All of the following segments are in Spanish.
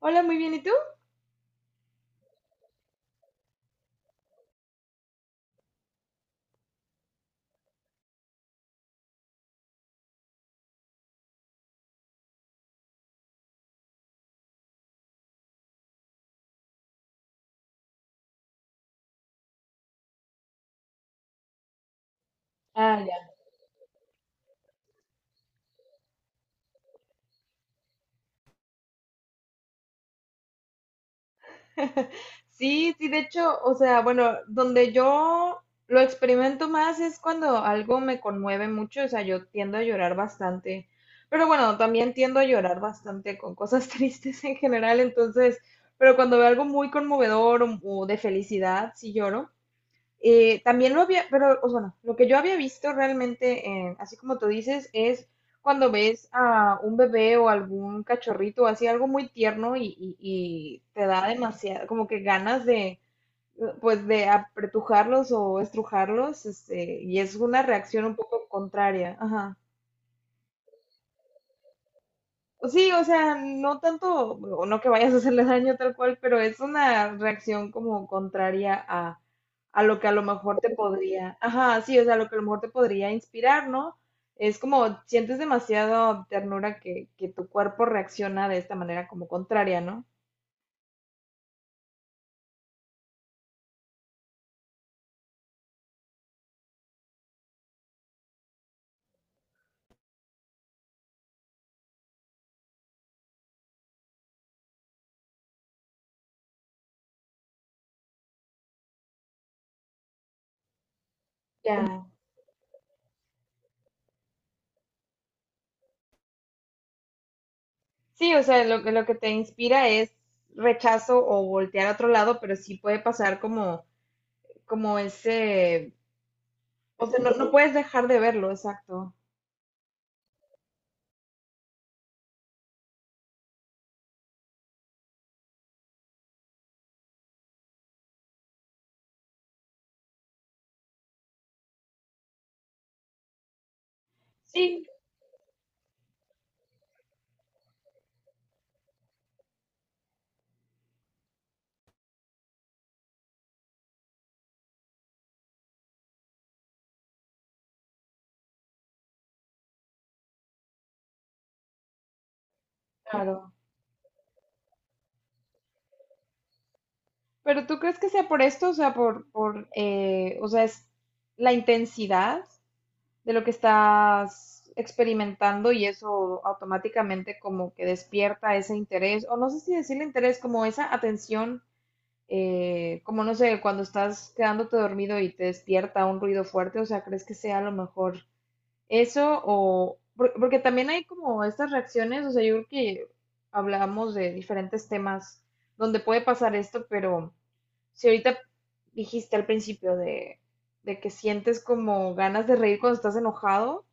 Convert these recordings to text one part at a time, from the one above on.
Hola, muy bien, ¿y tú? Ah, ya. Sí, sí, de hecho, o sea, bueno, donde yo lo experimento más es cuando algo me conmueve mucho, o sea, yo tiendo a llorar bastante, pero bueno, también tiendo a llorar bastante con cosas tristes en general, entonces, pero cuando veo algo muy conmovedor o de felicidad, sí lloro. También lo había, pero o sea, bueno, lo que yo había visto realmente, así como tú dices, es cuando ves a un bebé o algún cachorrito, así algo muy tierno y te da demasiado, como que ganas de, pues de apretujarlos o estrujarlos, este, y es una reacción un poco contraria. Ajá. Sí, o sea, no tanto, o no que vayas a hacerle daño tal cual, pero es una reacción como contraria a lo que a lo mejor te podría, ajá, sí, o sea, lo que a lo mejor te podría inspirar, ¿no? Es como sientes demasiado ternura que tu cuerpo reacciona de esta manera como contraria, ¿no? Ya. Sí, o sea, lo que te inspira es rechazo o voltear a otro lado, pero sí puede pasar como, como ese, o sea, no, no puedes dejar de verlo, exacto. Sí. Claro. Pero ¿tú crees que sea por esto? O sea, o sea, es la intensidad de lo que estás experimentando y eso automáticamente como que despierta ese interés, o no sé si decirle interés, como esa atención, como no sé, cuando estás quedándote dormido y te despierta un ruido fuerte, o sea, ¿crees que sea a lo mejor eso porque también hay como estas reacciones, o sea, yo creo que hablamos de diferentes temas donde puede pasar esto, pero si ahorita dijiste al principio de que sientes como ganas de reír cuando estás enojado,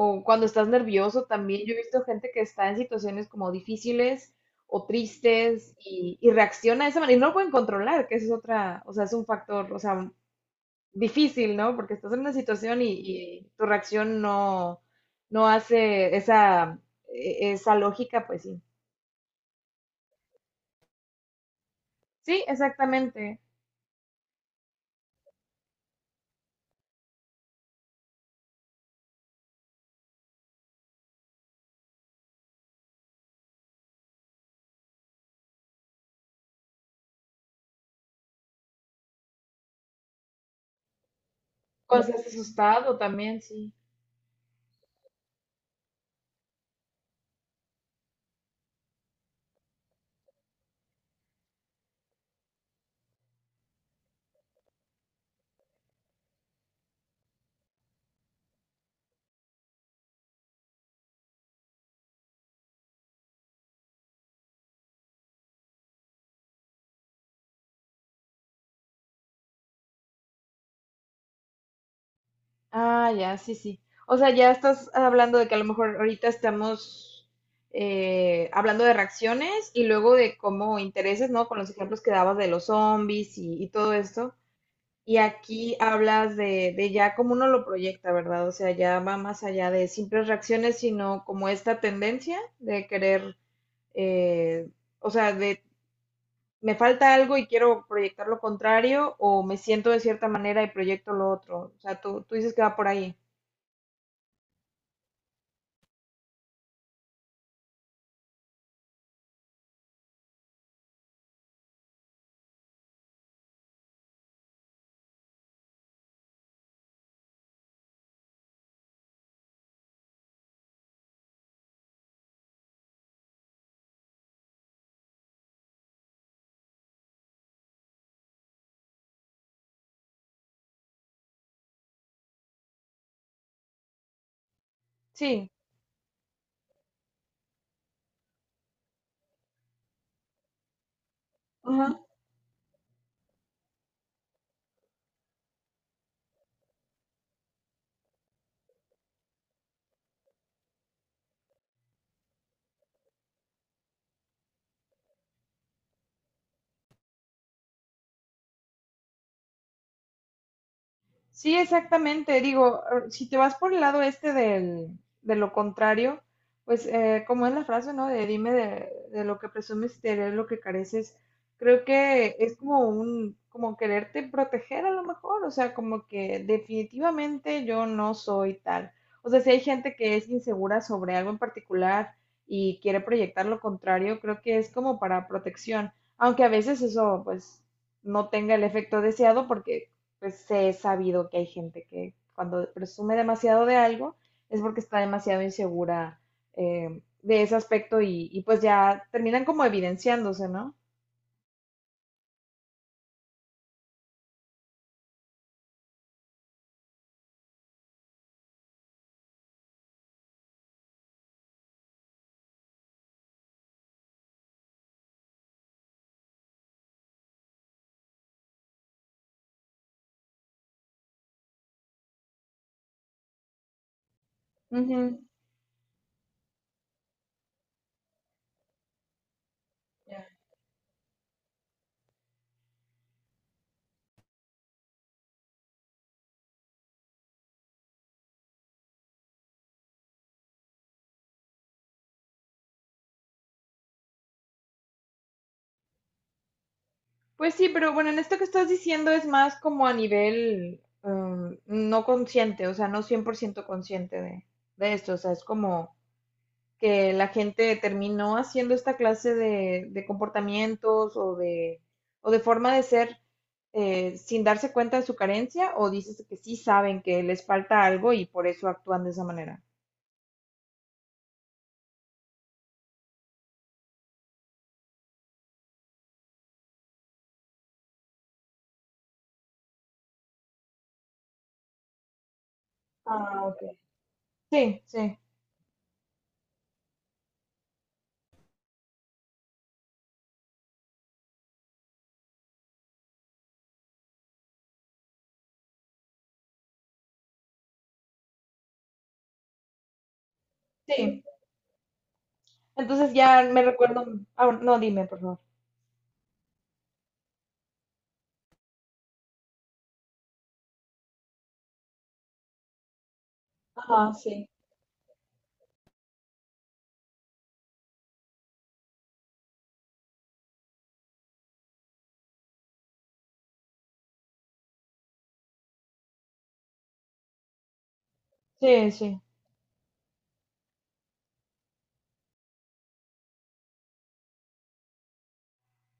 o cuando estás nervioso también. Yo he visto gente que está en situaciones como difíciles o tristes y reacciona de esa manera y no lo pueden controlar, que eso es otra, o sea, es un factor, o sea, difícil, ¿no? Porque estás en una situación y tu reacción no, no hace esa, esa lógica, pues sí. Sí, exactamente. Cosas asustadas. Ah, ya, sí, sí. O sea, ya estás hablando de que a lo mejor ahorita estamos hablando de reacciones y luego de cómo intereses, ¿no? Con los ejemplos que dabas de los zombies y todo esto. Y aquí hablas de ya cómo uno lo proyecta, ¿verdad? O sea, ya va más allá de simples reacciones, sino como esta tendencia de querer, eh, o sea, de me falta algo y quiero proyectar lo contrario o me siento de cierta manera y proyecto lo otro. O sea, tú dices que va por ahí. Sí. Ajá. Sí, exactamente. Digo, si te vas por el lado este del, de lo contrario, pues como es la frase, ¿no? De dime de lo que presumes y te daré lo que careces. Creo que es como un, como quererte proteger a lo mejor, o sea, como que definitivamente yo no soy tal. O sea, si hay gente que es insegura sobre algo en particular y quiere proyectar lo contrario, creo que es como para protección, aunque a veces eso pues no tenga el efecto deseado porque pues he sabido que hay gente que cuando presume demasiado de algo es porque está demasiado insegura de ese aspecto y, pues ya terminan como evidenciándose, ¿no? Ujú. Ya. Pues sí, pero bueno, en esto que estás diciendo es más como a nivel no consciente, o sea, no 100% consciente de esto, o sea, es como que la gente terminó haciendo esta clase de comportamientos o de forma de ser sin darse cuenta de su carencia o ¿dices que sí saben que les falta algo y por eso actúan de esa manera? Ah, ok. Sí, sí, sí. Entonces ya me recuerdo, ah, no, dime, por favor. Ajá, sí. Sí, sí.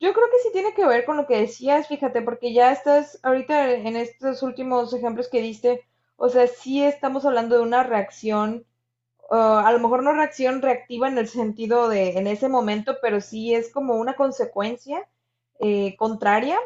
Yo creo que sí tiene que ver con lo que decías, fíjate, porque ya estás ahorita en estos últimos ejemplos que diste, o sea, sí estamos hablando de una reacción a lo mejor no reacción reactiva en el sentido de en ese momento, pero sí es como una consecuencia contraria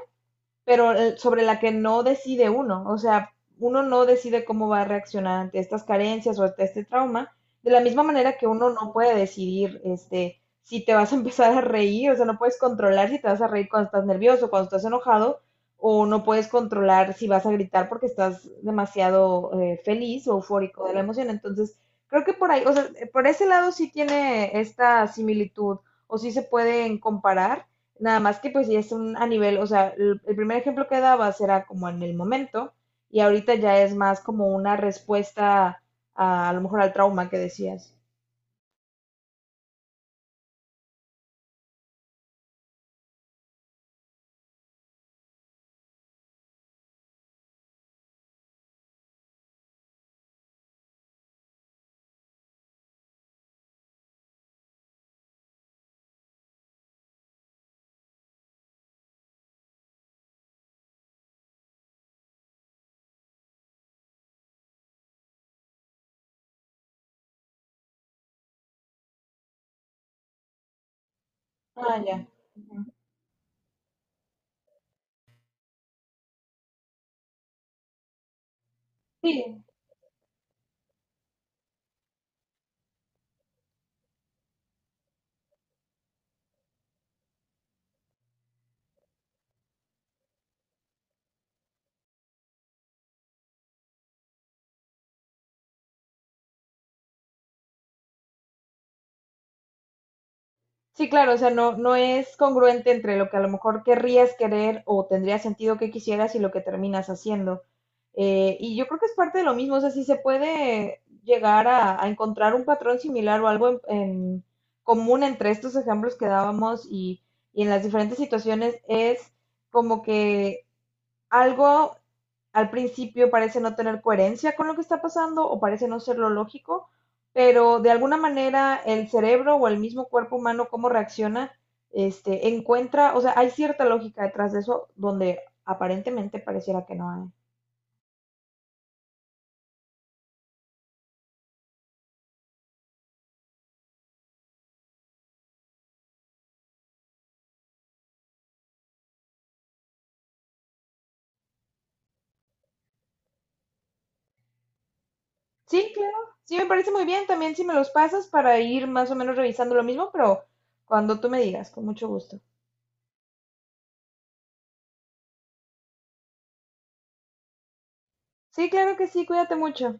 pero sobre la que no decide uno. O sea, uno no decide cómo va a reaccionar ante estas carencias o ante este trauma, de la misma manera que uno no puede decidir este, si te vas a empezar a reír, o sea, no puedes controlar si te vas a reír cuando estás nervioso, cuando estás enojado, o no puedes controlar si vas a gritar porque estás demasiado feliz o eufórico de la emoción. Entonces, creo que por ahí, o sea, por ese lado sí tiene esta similitud o sí se pueden comparar. Nada más que pues ya es un a nivel, o sea, el primer ejemplo que dabas era como en el momento y ahorita ya es más como una respuesta a lo mejor al trauma que decías. Ah, ya. Sí. Sí, claro, o sea, no, no es congruente entre lo que a lo mejor querrías querer o tendría sentido que quisieras y lo que terminas haciendo. Y yo creo que es parte de lo mismo, o sea, si se puede llegar a encontrar un patrón similar o algo en común entre estos ejemplos que dábamos y en las diferentes situaciones, es como que algo al principio parece no tener coherencia con lo que está pasando o parece no ser lo lógico, pero de alguna manera el cerebro o el mismo cuerpo humano, cómo reacciona, este, encuentra, o sea, hay cierta lógica detrás de eso donde aparentemente pareciera que no hay. Sí, claro, sí, me parece muy bien también si me los pasas para ir más o menos revisando lo mismo, pero cuando tú me digas, con mucho gusto. Sí, claro que sí, cuídate mucho.